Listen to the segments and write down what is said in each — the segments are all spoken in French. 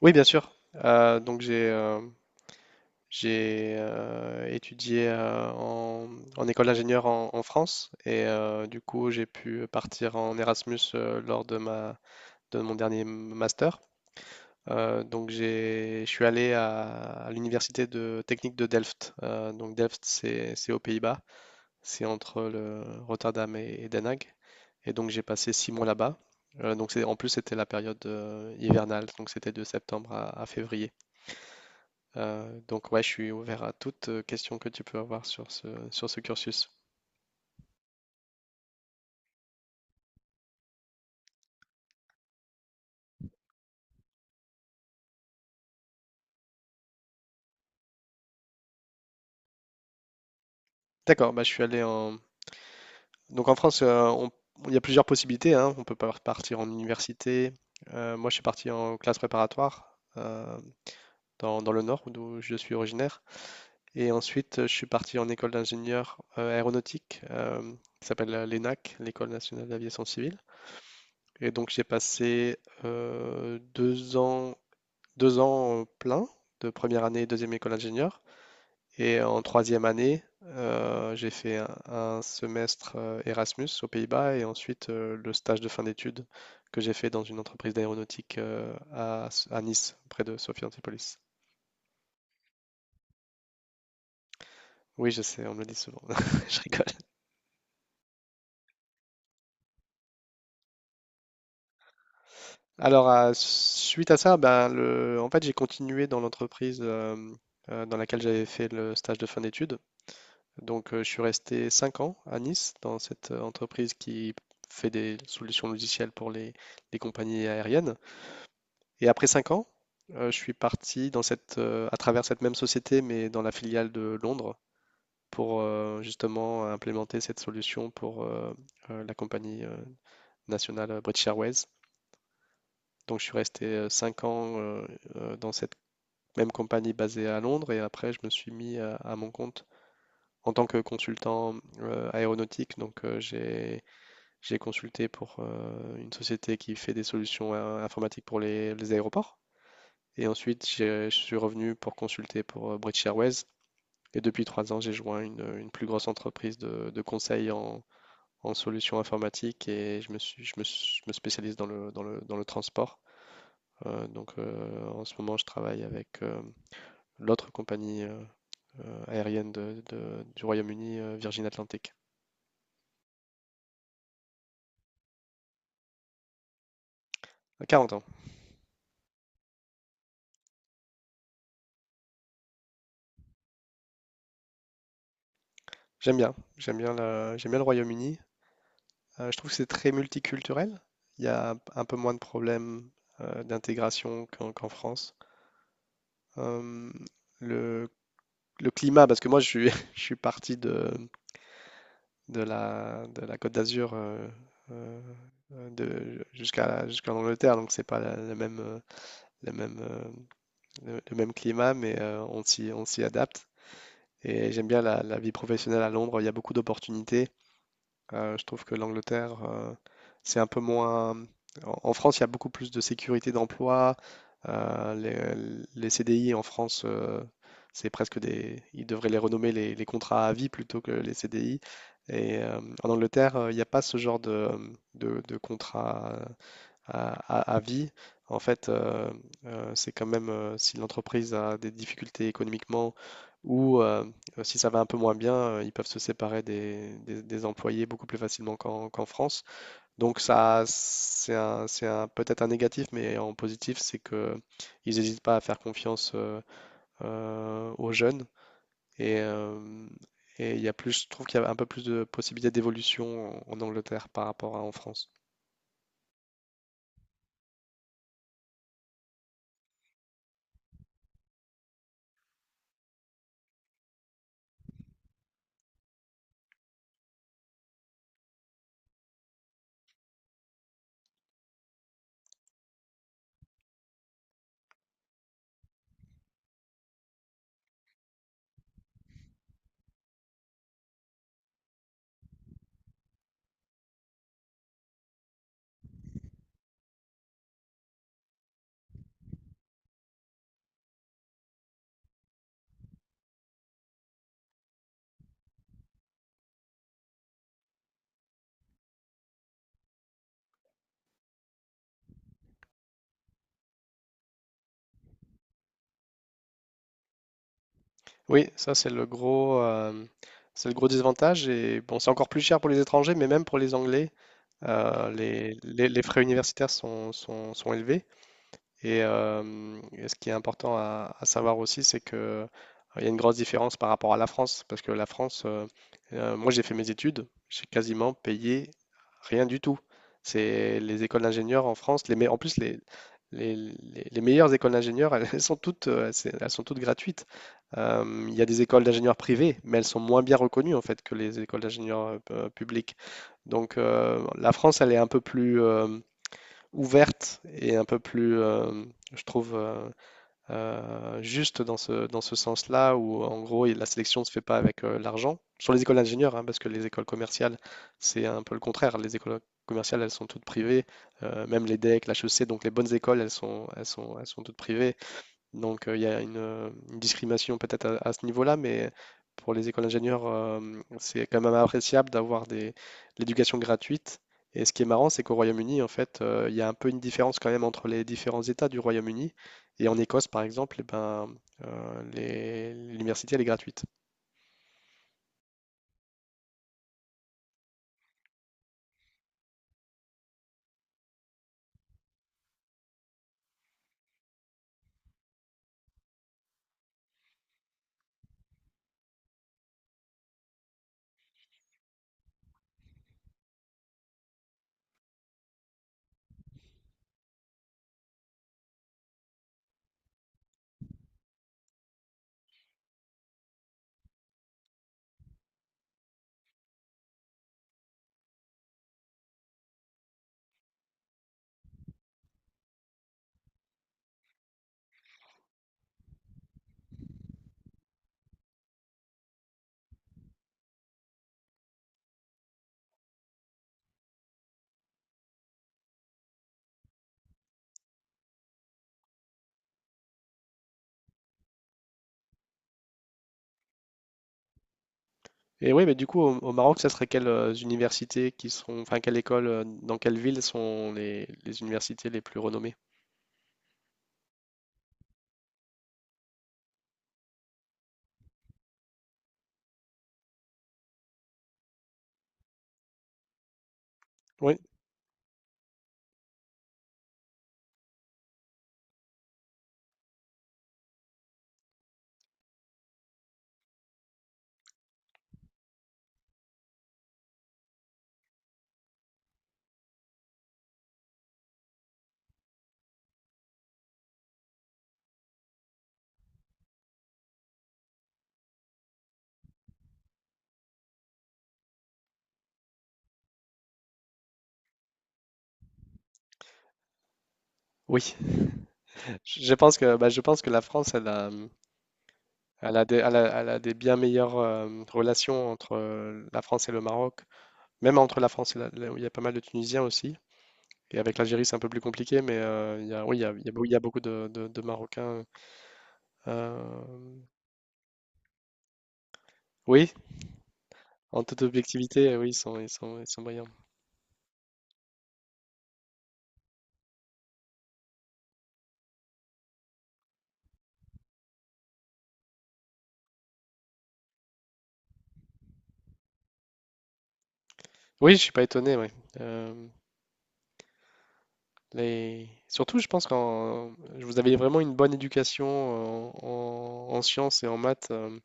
Oui, bien sûr. Donc j'ai étudié en école d'ingénieur en France et du coup j'ai pu partir en Erasmus lors de ma de mon dernier master. Donc j'ai je suis allé à l'université de technique de Delft. Donc Delft c'est aux Pays-Bas, c'est entre le Rotterdam et Den Haag. Et donc j'ai passé 6 mois là-bas. Donc c'est en plus c'était la période hivernale, donc c'était de septembre à février. Donc ouais, je suis ouvert à toute question que tu peux avoir sur ce cursus. D'accord, bah, je suis allé en... Donc en France, il y a plusieurs possibilités, hein. On peut partir en université. Moi, je suis parti en classe préparatoire dans le nord, d'où je suis originaire. Et ensuite, je suis parti en école d'ingénieur aéronautique, qui s'appelle l'ENAC, l'École nationale d'aviation civile. Et donc, j'ai passé euh, deux ans, 2 ans plein de première année et deuxième école d'ingénieur. Et en troisième année, j'ai fait un semestre Erasmus aux Pays-Bas et ensuite le stage de fin d'études que j'ai fait dans une entreprise d'aéronautique à Nice, près de Sophia Antipolis. Oui, je sais, on me le dit souvent. Je rigole. Alors, suite à ça, ben, en fait, j'ai continué dans l'entreprise dans laquelle j'avais fait le stage de fin d'études. Donc, je suis resté 5 ans à Nice, dans cette entreprise qui fait des solutions logicielles pour les compagnies aériennes. Et après 5 ans, je suis parti dans cette, à travers cette même société, mais dans la filiale de Londres, pour justement implémenter cette solution pour la compagnie nationale British Airways. Donc je suis resté 5 ans dans cette même compagnie basée à Londres et après je me suis mis à mon compte en tant que consultant aéronautique. Donc j'ai consulté pour une société qui fait des solutions informatiques pour les aéroports. Et ensuite, je suis revenu pour consulter pour British Airways. Et depuis 3 ans, j'ai joint une plus grosse entreprise de conseil en solutions informatiques et je me spécialise dans le transport. Donc en ce moment, je travaille avec l'autre compagnie aérienne du Royaume-Uni, Virgin Atlantic. À 40 ans. J'aime bien. J'aime bien le Royaume-Uni. Je trouve que c'est très multiculturel. Il y a un peu moins de problèmes d'intégration qu'en France. Euh, le, le climat, parce que je suis parti de la Côte d'Azur euh, jusqu'en Angleterre, donc c'est pas le même, euh, le même climat, mais on s'y adapte. Et j'aime bien la vie professionnelle à Londres, il y a beaucoup d'opportunités. Je trouve que l'Angleterre, c'est un peu moins. En en France, il y a beaucoup plus de sécurité d'emploi. Les CDI en France, c'est presque des. Ils devraient les renommer les contrats à vie plutôt que les CDI. Et en Angleterre, il n'y a pas ce genre de contrat à, à vie. En fait, c'est quand même si l'entreprise a des difficultés économiquement ou si ça va un peu moins bien, ils peuvent se séparer des employés beaucoup plus facilement qu'en France. Donc ça, peut-être un négatif, mais en positif, c'est que ils n'hésitent pas à faire confiance aux jeunes et euh, et il y a plus, je trouve qu'il y a un peu plus de possibilités d'évolution en Angleterre par rapport à en France. Oui, ça c'est le gros désavantage. Et bon, c'est encore plus cher pour les étrangers, mais même pour les Anglais, les frais universitaires sont élevés. Et ce qui est important à savoir aussi, c'est que il y a une grosse différence par rapport à la France, parce que moi j'ai fait mes études, j'ai quasiment payé rien du tout. C'est les écoles d'ingénieurs en France, en plus les meilleures écoles d'ingénieurs, elles sont toutes gratuites. Il y a des écoles d'ingénieurs privées, mais elles sont moins bien reconnues en fait que les écoles d'ingénieurs publiques. Donc la France, elle est un peu plus, ouverte et un peu plus, je trouve, juste dans ce sens-là, où en gros, la sélection ne se fait pas avec l'argent. Sur les écoles d'ingénieurs, hein, parce que les écoles commerciales, c'est un peu le contraire. Les écoles commerciales, elles sont toutes privées. Même les DEC, l'HEC, donc les bonnes écoles, elles sont toutes privées. Donc, il y a une discrimination peut-être à ce niveau-là, mais pour les écoles d'ingénieurs, c'est quand même appréciable d'avoir l'éducation gratuite. Et ce qui est marrant, c'est qu'au Royaume-Uni, en fait, il y a un peu une différence quand même entre les différents États du Royaume-Uni. Et en Écosse, par exemple, eh ben, l'université, elle est gratuite. Et oui, mais du coup, au Maroc, ça serait quelles universités qui sont, enfin, quelle école, dans quelle ville sont les universités les plus renommées? Oui, oui. Je pense que la France, elle a des bien meilleures relations entre la France et le Maroc, même entre la France et il y a pas mal de Tunisiens aussi. Et avec l'Algérie, c'est un peu plus compliqué, mais il y a, oui, il y a beaucoup de Marocains. euh, oui, en toute objectivité, oui, ils sont brillants. Oui, je suis pas étonné. Ouais. Euh, Surtout, je pense que vous avez vraiment une bonne éducation en sciences et en maths.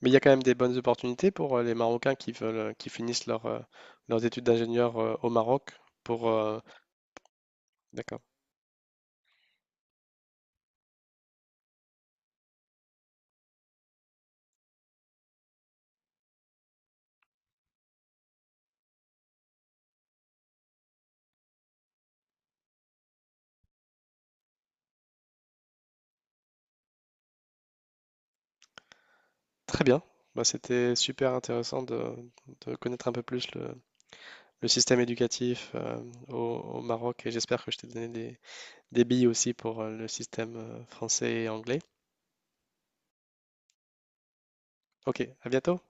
Mais il y a quand même des bonnes opportunités pour les Marocains qui veulent, qui finissent leurs études d'ingénieur au Maroc pour, euh, d'accord. Très bien. Bah, c'était super intéressant de connaître un peu plus le système éducatif au, au Maroc et j'espère que je t'ai donné des billes aussi pour le système français et anglais. Ok, à bientôt.